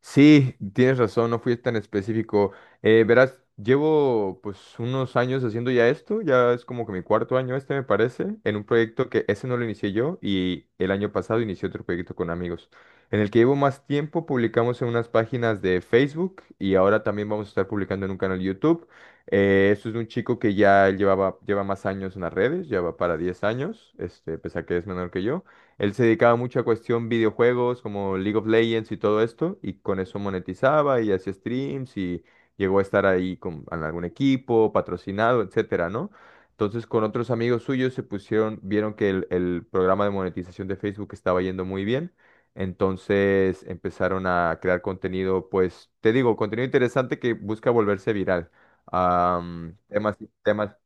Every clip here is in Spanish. Sí, tienes razón, no fui tan específico. Verás, llevo pues unos años haciendo ya esto, ya es como que mi cuarto año me parece, en un proyecto que ese no lo inicié yo, y el año pasado inicié otro proyecto con amigos. En el que llevo más tiempo publicamos en unas páginas de Facebook y ahora también vamos a estar publicando en un canal de YouTube. Esto es de un chico que ya él lleva más años en las redes. Lleva para 10 años, pese a que es menor que yo. Él se dedicaba mucho a cuestión videojuegos como League of Legends y todo esto, y con eso monetizaba y hacía streams, y llegó a estar ahí con en algún equipo, patrocinado, etcétera, ¿no? Entonces con otros amigos suyos se pusieron, vieron que el programa de monetización de Facebook estaba yendo muy bien, entonces empezaron a crear contenido, pues te digo, contenido interesante que busca volverse viral. Am, temas, temas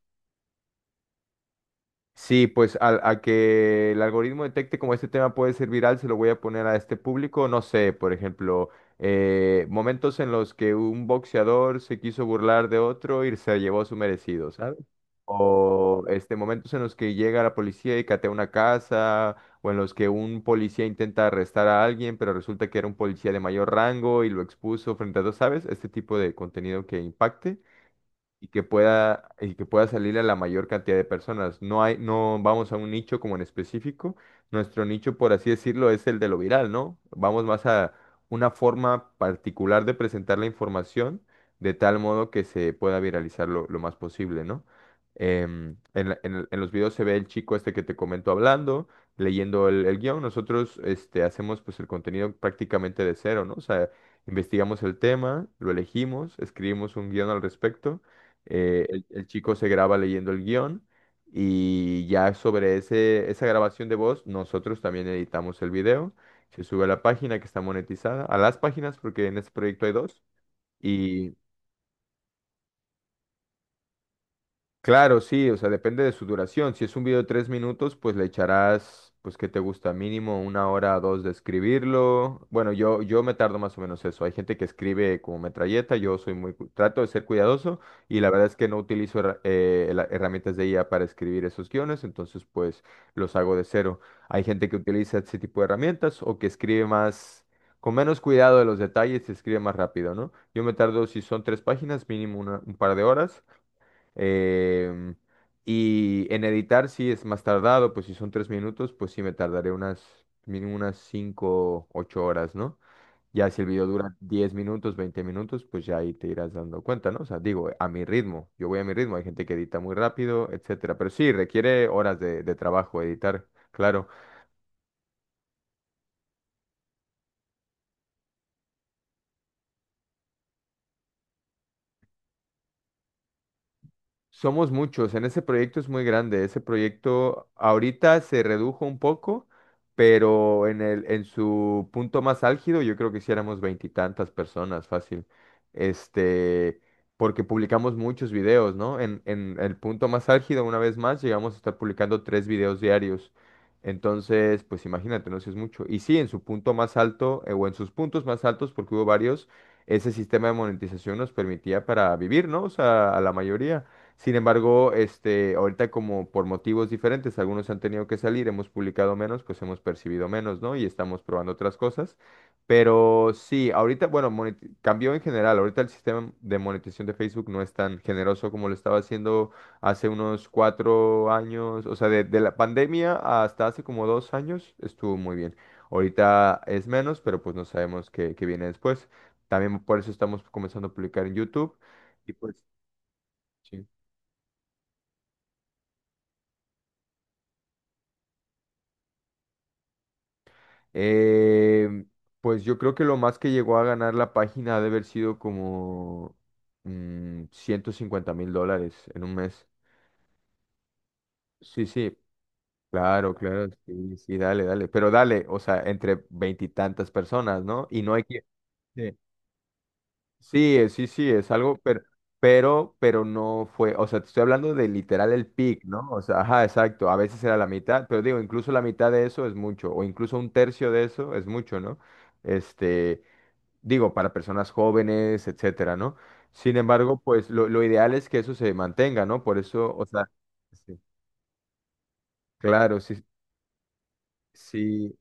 Sí, pues que el algoritmo detecte como este tema puede ser viral, se lo voy a poner a este público. No sé, por ejemplo, momentos en los que un boxeador se quiso burlar de otro y se llevó su merecido, ¿sabes? O momentos en los que llega la policía y catea una casa, o en los que un policía intenta arrestar a alguien, pero resulta que era un policía de mayor rango y lo expuso frente a dos, ¿sabes? Este tipo de contenido que impacte y que pueda salir a la mayor cantidad de personas. No hay, no vamos a un nicho como en específico. Nuestro nicho, por así decirlo, es el de lo viral, ¿no? Vamos más a una forma particular de presentar la información de tal modo que se pueda viralizar lo más posible, ¿no? En los videos se ve el chico este que te comento hablando, leyendo el guión. Nosotros hacemos pues el contenido prácticamente de cero, ¿no? O sea, investigamos el tema, lo elegimos, escribimos un guión al respecto. El chico se graba leyendo el guión, y ya sobre esa grabación de voz nosotros también editamos el video. Se sube a la página que está monetizada, a las páginas porque en este proyecto hay dos. Claro, sí, o sea, depende de su duración. Si es un video de 3 minutos, pues le echarás, pues, ¿qué te gusta? Mínimo una hora o dos de escribirlo. Bueno, yo me tardo más o menos eso. Hay gente que escribe como metralleta, yo soy muy, trato de ser cuidadoso, y la verdad es que no utilizo herramientas de IA para escribir esos guiones, entonces, pues, los hago de cero. Hay gente que utiliza ese tipo de herramientas o que escribe más, con menos cuidado de los detalles, se escribe más rápido, ¿no? Yo me tardo, si son 3 páginas, mínimo un par de horas. Em, y en editar sí es más tardado, pues si son 3 minutos, pues sí me tardaré mínimo unas 5, 8 horas, ¿no? Ya si el video dura 10 minutos, 20 minutos, pues ya ahí te irás dando cuenta, ¿no? O sea, digo, a mi ritmo, yo voy a mi ritmo, hay gente que edita muy rápido, etcétera, pero sí, requiere horas de trabajo editar, claro. Somos muchos, en ese proyecto es muy grande, ese proyecto ahorita se redujo un poco, pero en su punto más álgido yo creo que sí éramos veintitantas personas, fácil, este, porque publicamos muchos videos, ¿no? En el punto más álgido, una vez más, llegamos a estar publicando 3 videos diarios, entonces, pues imagínate, no sé, es mucho. Y sí, en su punto más alto, o en sus puntos más altos, porque hubo varios, ese sistema de monetización nos permitía para vivir, ¿no? O sea, a la mayoría. Sin embargo, ahorita como por motivos diferentes, algunos han tenido que salir, hemos publicado menos, pues hemos percibido menos, ¿no? Y estamos probando otras cosas. Pero sí, ahorita, bueno, cambió en general. Ahorita el sistema de monetización de Facebook no es tan generoso como lo estaba haciendo hace unos 4 años. O sea, de la pandemia hasta hace como 2 años estuvo muy bien. Ahorita es menos, pero pues no sabemos qué viene después. También por eso estamos comenzando a publicar en YouTube. Y pues, sí. Eh, pues yo creo que lo más que llegó a ganar la página ha de haber sido como $150,000 en 1 mes. Sí, sí, claro, claro, sí, sí, dale, dale. Pero dale, o sea, entre veintitantas personas, ¿no? Y no hay que... Sí, sí, sí, sí, es algo, pero, pero no fue, o sea, te estoy hablando de literal el pic, ¿no? O sea, ajá, exacto, a veces era la mitad, pero digo, incluso la mitad de eso es mucho, o incluso un tercio de eso es mucho, ¿no? Este... Digo, para personas jóvenes, etcétera, ¿no? Sin embargo, pues lo ideal es que eso se mantenga, ¿no? Por eso, o sea, sí, claro, sí, sí,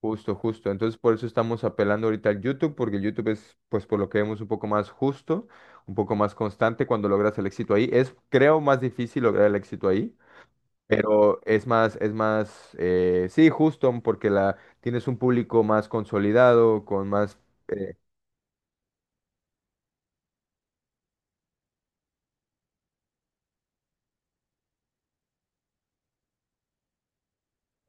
justo, justo. Entonces, por eso estamos apelando ahorita al YouTube, porque el YouTube es, pues, por lo que vemos, un poco más justo, un poco más constante cuando logras el éxito ahí. Es, creo, más difícil lograr el éxito ahí. Pero es más, sí, justo, porque tienes un público más consolidado, con más...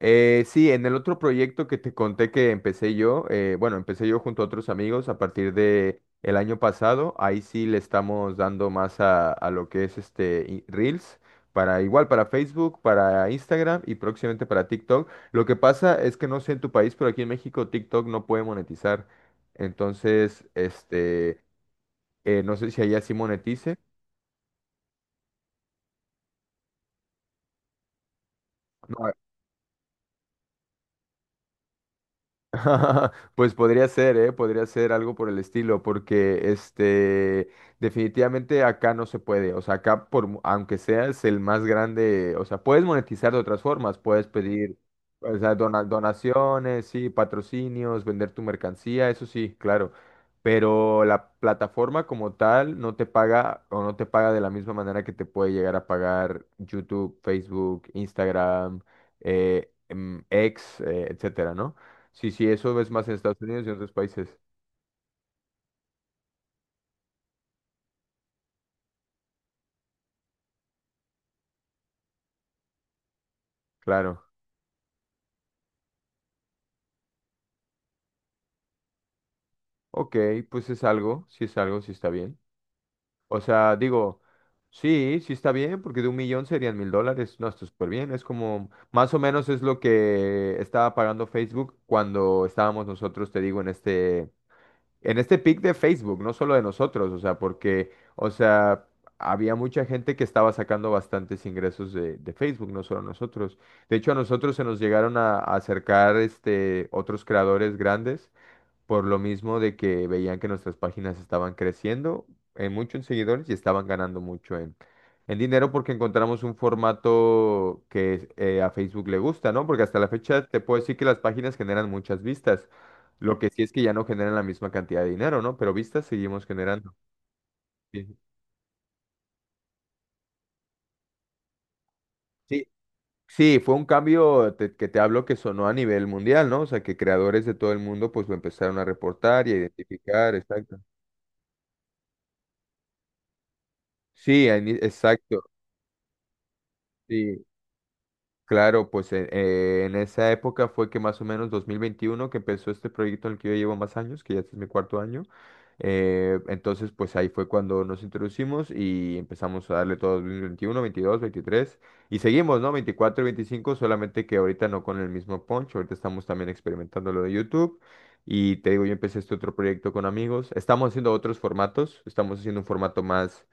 Sí, en el otro proyecto que te conté que empecé yo, bueno, empecé yo junto a otros amigos a partir de el año pasado, ahí sí le estamos dando más a lo que es Reels, para igual para Facebook, para Instagram y próximamente para TikTok. Lo que pasa es que no sé en tu país, pero aquí en México TikTok no puede monetizar. Entonces, no sé si allá sí monetice. No. Pues podría ser, ¿eh? Podría ser algo por el estilo, porque definitivamente acá no se puede. O sea, acá, aunque seas el más grande, o sea, puedes monetizar de otras formas, puedes pedir, o sea, donaciones, sí, patrocinios, vender tu mercancía, eso sí, claro. Pero la plataforma como tal no te paga, o no te paga de la misma manera que te puede llegar a pagar YouTube, Facebook, Instagram, X, etcétera, ¿no? Sí, sí, eso es más en Estados Unidos y en otros países. Claro. Ok, pues es algo, sí está bien. O sea, digo, sí, sí está bien, porque de un millón serían $1,000. No, está súper bien. Es como, más o menos es lo que estaba pagando Facebook cuando estábamos nosotros, te digo, en este pic de Facebook, no solo de nosotros, o sea, porque, o sea, había mucha gente que estaba sacando bastantes ingresos de Facebook, no solo nosotros. De hecho, a nosotros se nos llegaron a acercar otros creadores grandes por lo mismo de que veían que nuestras páginas estaban creciendo en mucho en seguidores y estaban ganando mucho en dinero, porque encontramos un formato que a Facebook le gusta, ¿no? Porque hasta la fecha te puedo decir que las páginas generan muchas vistas. Lo que sí es que ya no generan la misma cantidad de dinero, ¿no? Pero vistas seguimos generando. Sí, sí, sí, fue un cambio que te hablo que sonó a nivel mundial, ¿no? O sea, que creadores de todo el mundo pues lo empezaron a reportar y a identificar, exacto. Sí, exacto. Sí, claro, pues en esa época fue que más o menos 2021 que empezó este proyecto en el que yo llevo más años, que ya este es mi cuarto año. Entonces, pues ahí fue cuando nos introducimos y empezamos a darle todo 2021, 22, 23, y seguimos, ¿no? 24, y 25, solamente que ahorita no con el mismo punch, ahorita estamos también experimentando lo de YouTube. Y te digo, yo empecé este otro proyecto con amigos. Estamos haciendo otros formatos, estamos haciendo un formato más,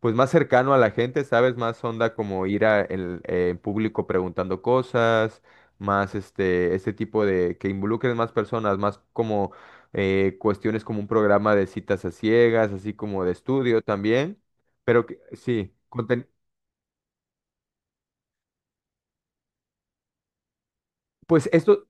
pues más cercano a la gente, ¿sabes? Más onda como en público preguntando cosas, más este tipo de que involucren más personas, más como cuestiones como un programa de citas a ciegas, así como de estudio también, pero que, sí, conten- pues esto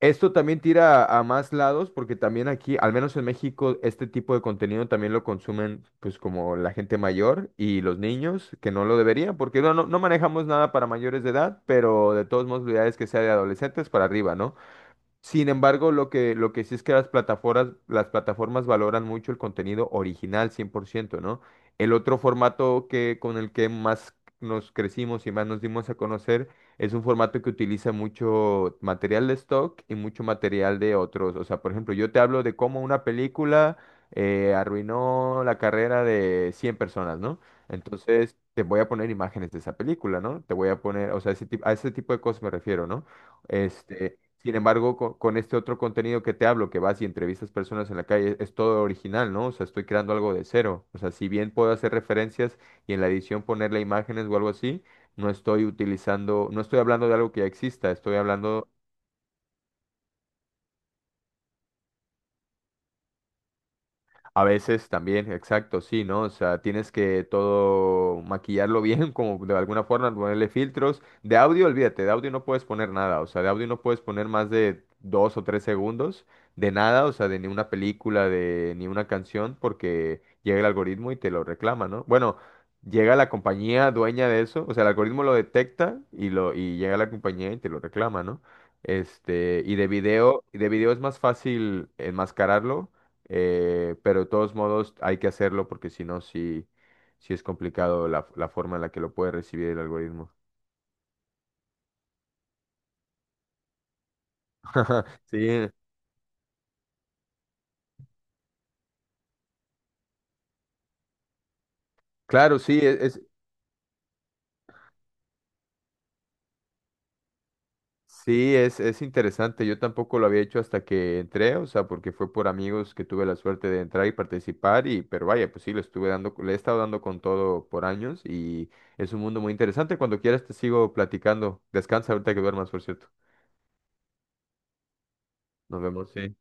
Esto también tira a más lados, porque también aquí, al menos en México, este tipo de contenido también lo consumen pues como la gente mayor y los niños que no lo deberían, porque no, no, no manejamos nada para mayores de edad, pero de todos modos la idea es que sea de adolescentes para arriba, ¿no? Sin embargo, lo que, sí es que las plataformas valoran mucho el contenido original 100%, ¿no? El otro formato que, con el que más nos crecimos y más nos dimos a conocer, es un formato que utiliza mucho material de stock y mucho material de otros. O sea, por ejemplo, yo te hablo de cómo una película arruinó la carrera de 100 personas, ¿no? Entonces, te voy a poner imágenes de esa película, ¿no? Te voy a poner, o sea, a ese tipo de cosas me refiero, ¿no? Este, Sin embargo, este otro contenido que te hablo, que vas y entrevistas personas en la calle, es todo original, ¿no? O sea, estoy creando algo de cero. O sea, si bien puedo hacer referencias y en la edición ponerle imágenes o algo así, no estoy utilizando, no estoy hablando de algo que ya exista, estoy hablando... A veces también, exacto, sí, ¿no? O sea, tienes que todo maquillarlo bien, como de alguna forma, ponerle filtros. De audio, olvídate, de audio no puedes poner nada, o sea, de audio no puedes poner más de 2 o 3 segundos de nada, o sea, de ni una película, de ni una canción, porque llega el algoritmo y te lo reclama, ¿no? Bueno, llega la compañía dueña de eso, o sea, el algoritmo lo detecta y y llega la compañía y te lo reclama, ¿no? Y de video es más fácil enmascararlo, pero de todos modos hay que hacerlo, porque si no, sí, sí es complicado la forma en la que lo puede recibir el algoritmo. Sí, claro, sí, es interesante. Yo tampoco lo había hecho hasta que entré, o sea, porque fue por amigos que tuve la suerte de entrar y participar, pero vaya, pues sí, le he estado dando con todo por años, y es un mundo muy interesante. Cuando quieras te sigo platicando. Descansa ahorita que duermas, por cierto. Nos vemos, sí.